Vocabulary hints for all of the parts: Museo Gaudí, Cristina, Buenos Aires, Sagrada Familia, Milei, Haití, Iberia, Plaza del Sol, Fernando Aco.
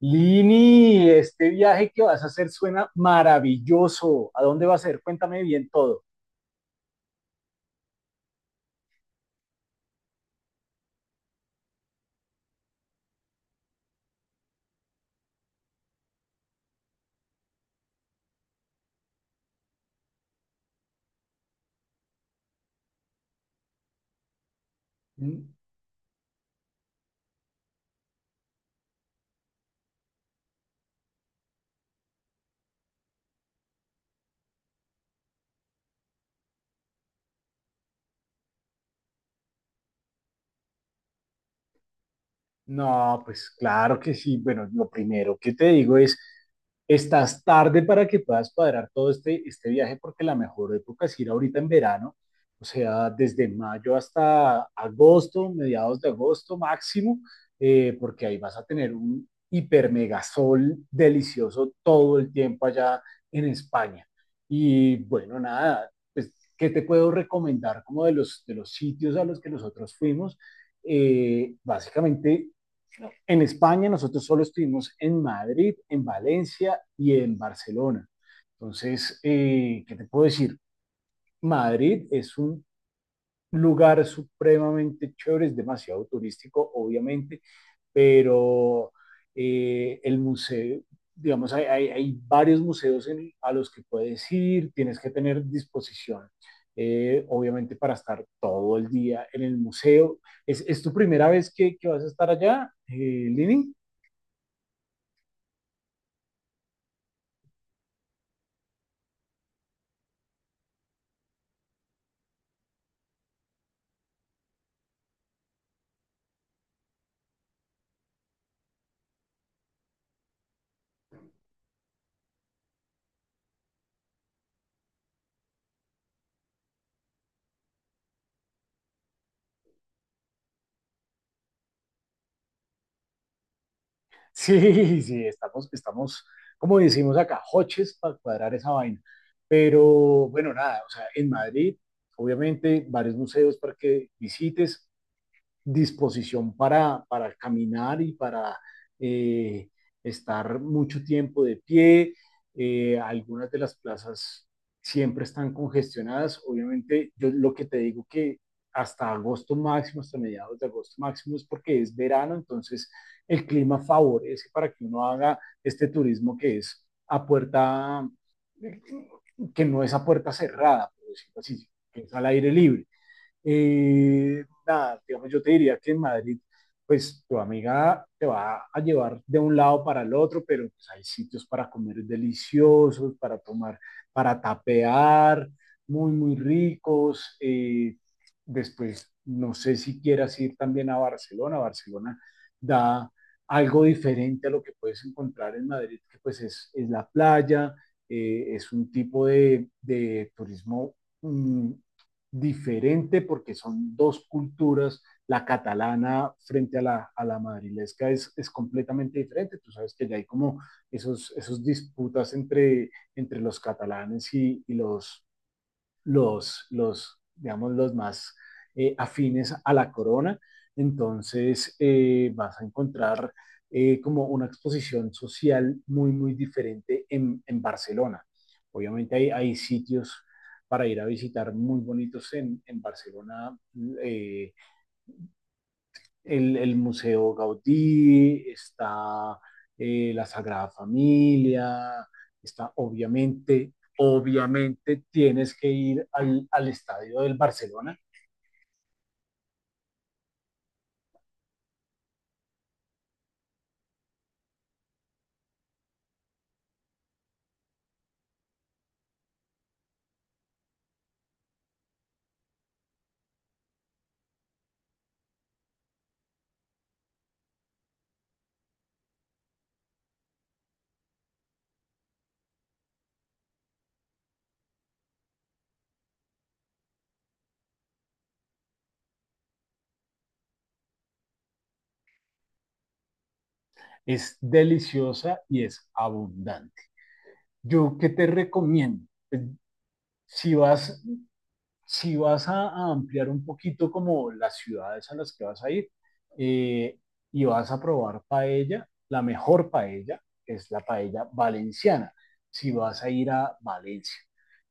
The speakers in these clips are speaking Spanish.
Lini, este viaje que vas a hacer suena maravilloso. ¿A dónde va a ser? Cuéntame bien todo. No, pues claro que sí. Bueno, lo primero que te digo es, estás tarde para que puedas cuadrar todo este viaje porque la mejor época es ir ahorita en verano, o sea, desde mayo hasta agosto, mediados de agosto máximo, porque ahí vas a tener un hiper mega sol delicioso todo el tiempo allá en España. Y bueno, nada, pues, ¿qué te puedo recomendar como de los sitios a los que nosotros fuimos? Básicamente en España nosotros solo estuvimos en Madrid, en Valencia y en Barcelona. Entonces, ¿qué te puedo decir? Madrid es un lugar supremamente chévere, es demasiado turístico, obviamente, pero el museo, digamos, hay varios museos a los que puedes ir, tienes que tener disposición, obviamente, para estar todo el día en el museo. ¿Es tu primera vez que vas a estar allá, Lini? Sí, estamos, como decimos acá, hoches para cuadrar esa vaina. Pero bueno, nada, o sea, en Madrid, obviamente, varios museos para que visites disposición para caminar y para eh, estar mucho tiempo de pie. Algunas de las plazas siempre están congestionadas. Obviamente, yo lo que te digo que hasta agosto máximo, hasta mediados de agosto máximo, es porque es verano, entonces el clima favorece para que uno haga este turismo que es a puerta, que no es a puerta cerrada, por decirlo así, que es al aire libre. Nada, digamos, yo te diría que en Madrid, pues tu amiga te va a llevar de un lado para el otro, pero pues, hay sitios para comer deliciosos, para tomar, para tapear, muy, muy ricos. Después, no sé si quieras ir también a Barcelona. Barcelona da algo diferente a lo que puedes encontrar en Madrid, que pues es la playa, es un tipo de turismo mm, diferente porque son dos culturas. La catalana frente a la madrilesca es completamente diferente. Tú sabes que ya hay como esos disputas entre los catalanes y los, digamos, los más afines a la corona. Entonces vas a encontrar como una exposición social muy, muy diferente en Barcelona. Obviamente hay sitios para ir a visitar muy bonitos en Barcelona, eh, el Museo Gaudí, está la Sagrada Familia, está obviamente tienes que ir al estadio del Barcelona. Es deliciosa y es abundante. ¿Yo qué te recomiendo? Si vas, si vas a ampliar un poquito como las ciudades a las que vas a ir, eh, y vas a probar paella, la mejor paella es la paella valenciana, si vas a ir a Valencia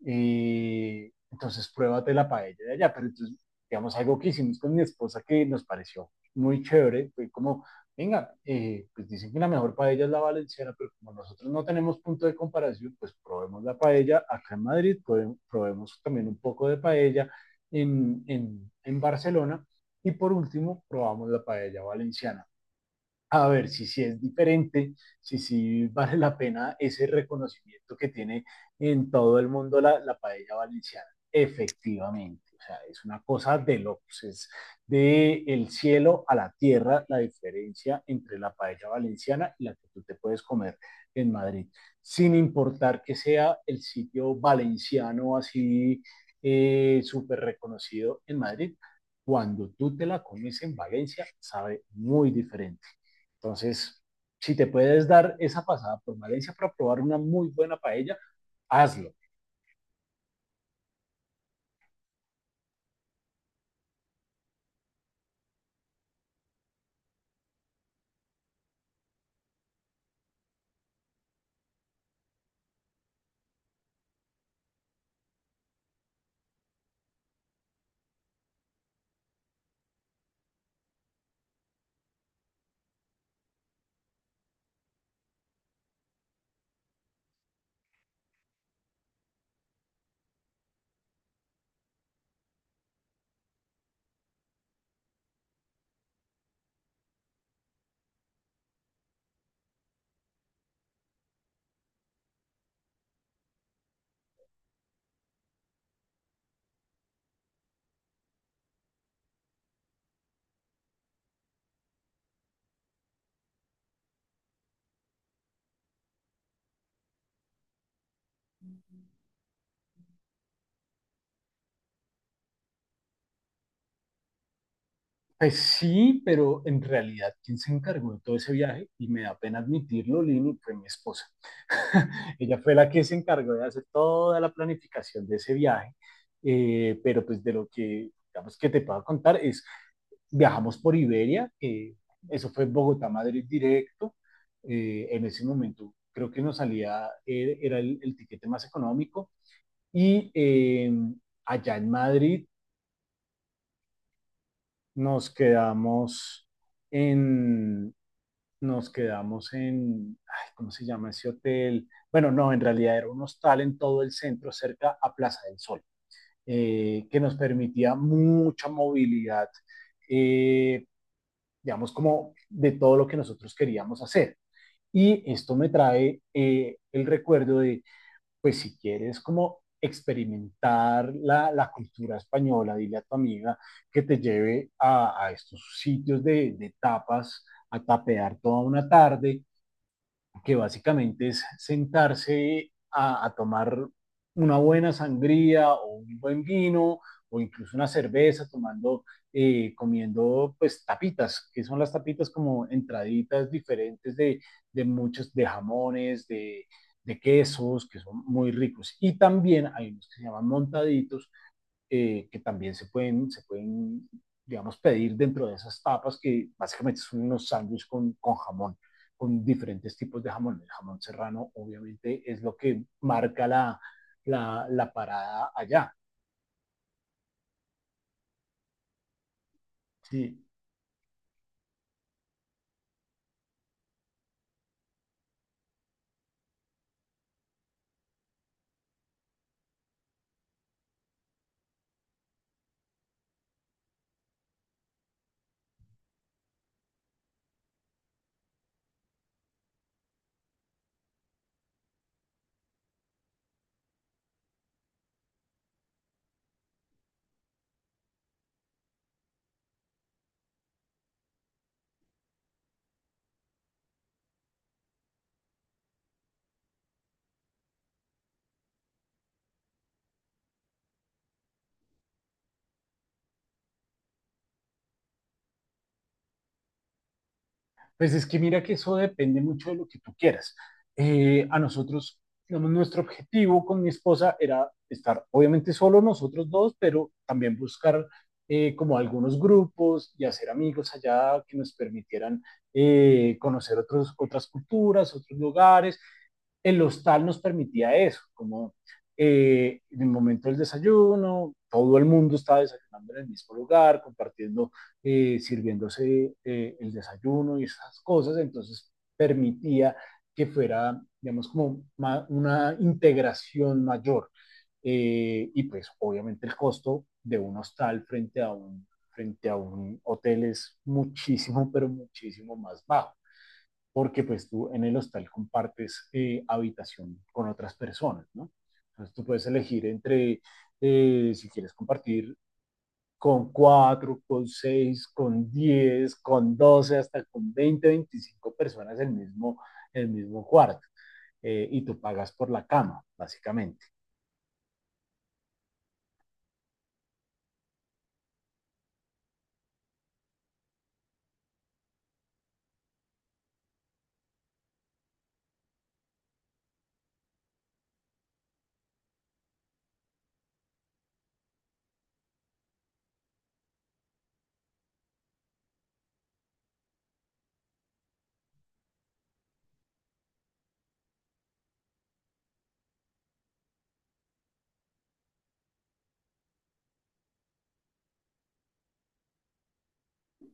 y entonces pruébate la paella de allá. Pero entonces, digamos, algo que hicimos con mi esposa que nos pareció muy chévere, fue como, venga, pues dicen que la mejor paella es la valenciana, pero como nosotros no tenemos punto de comparación, pues probemos la paella acá en Madrid, probemos también un poco de paella en, en Barcelona, y por último probamos la paella valenciana a ver si sí es diferente, si sí vale la pena ese reconocimiento que tiene en todo el mundo la paella valenciana. Efectivamente, o sea, es una cosa de locos, es de el cielo a la tierra la diferencia entre la paella valenciana y la que tú te puedes comer en Madrid, sin importar que sea el sitio valenciano así súper reconocido en Madrid. Cuando tú te la comes en Valencia, sabe muy diferente. Entonces, si te puedes dar esa pasada por Valencia para probar una muy buena paella, hazlo. Pues sí, pero en realidad, ¿quién se encargó de todo ese viaje? Y me da pena admitirlo, Lini, fue mi esposa. Ella fue la que se encargó de hacer toda la planificación de ese viaje, pero pues de lo que, digamos, que te puedo contar es, viajamos por Iberia, eso fue Bogotá-Madrid directo, en ese momento creo que nos salía, era el tiquete más económico. Y allá en Madrid nos quedamos en, nos quedamos en, ay, ¿cómo se llama ese hotel? Bueno, no, en realidad era un hostal en todo el centro, cerca a Plaza del Sol, que nos permitía mucha movilidad, eh, digamos, como de todo lo que nosotros queríamos hacer. Y esto me trae el recuerdo de pues si quieres como experimentar la cultura española, dile a tu amiga que te lleve a estos sitios de tapas, a tapear toda una tarde que básicamente es sentarse a tomar una buena sangría o un buen vino o incluso una cerveza tomando, comiendo pues tapitas, que son las tapitas como entraditas diferentes de muchos, de jamones, de quesos, que son muy ricos. Y también hay unos que se llaman montaditos, que también se pueden, digamos, pedir dentro de esas tapas que básicamente son unos sándwiches con jamón, con diferentes tipos de jamón. El jamón serrano obviamente es lo que marca la parada allá. Sí, pues es que mira que eso depende mucho de lo que tú quieras. A nosotros, digamos, nuestro objetivo con mi esposa era estar, obviamente, solo nosotros dos, pero también buscar como algunos grupos y hacer amigos allá que nos permitieran conocer otros, otras culturas, otros lugares. El hostal nos permitía eso, como en el momento del desayuno, todo el mundo estaba desayunando en el mismo lugar, compartiendo, sirviéndose el desayuno y esas cosas, entonces permitía que fuera, digamos, como una integración mayor. Y pues obviamente el costo de un hostal frente a un hotel es muchísimo, pero muchísimo más bajo porque pues tú en el hostal compartes habitación con otras personas, ¿no? Entonces tú puedes elegir entre, si quieres compartir con 4, con 6, con 10, con 12, hasta con 20, 25 personas el mismo cuarto. Y tú pagas por la cama, básicamente.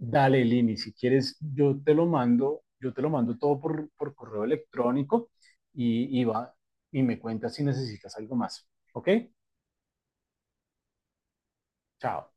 Dale, Lini, si quieres, yo te lo mando, yo te lo mando todo por correo electrónico y, va, y me cuentas si necesitas algo más. ¿Ok? Chao.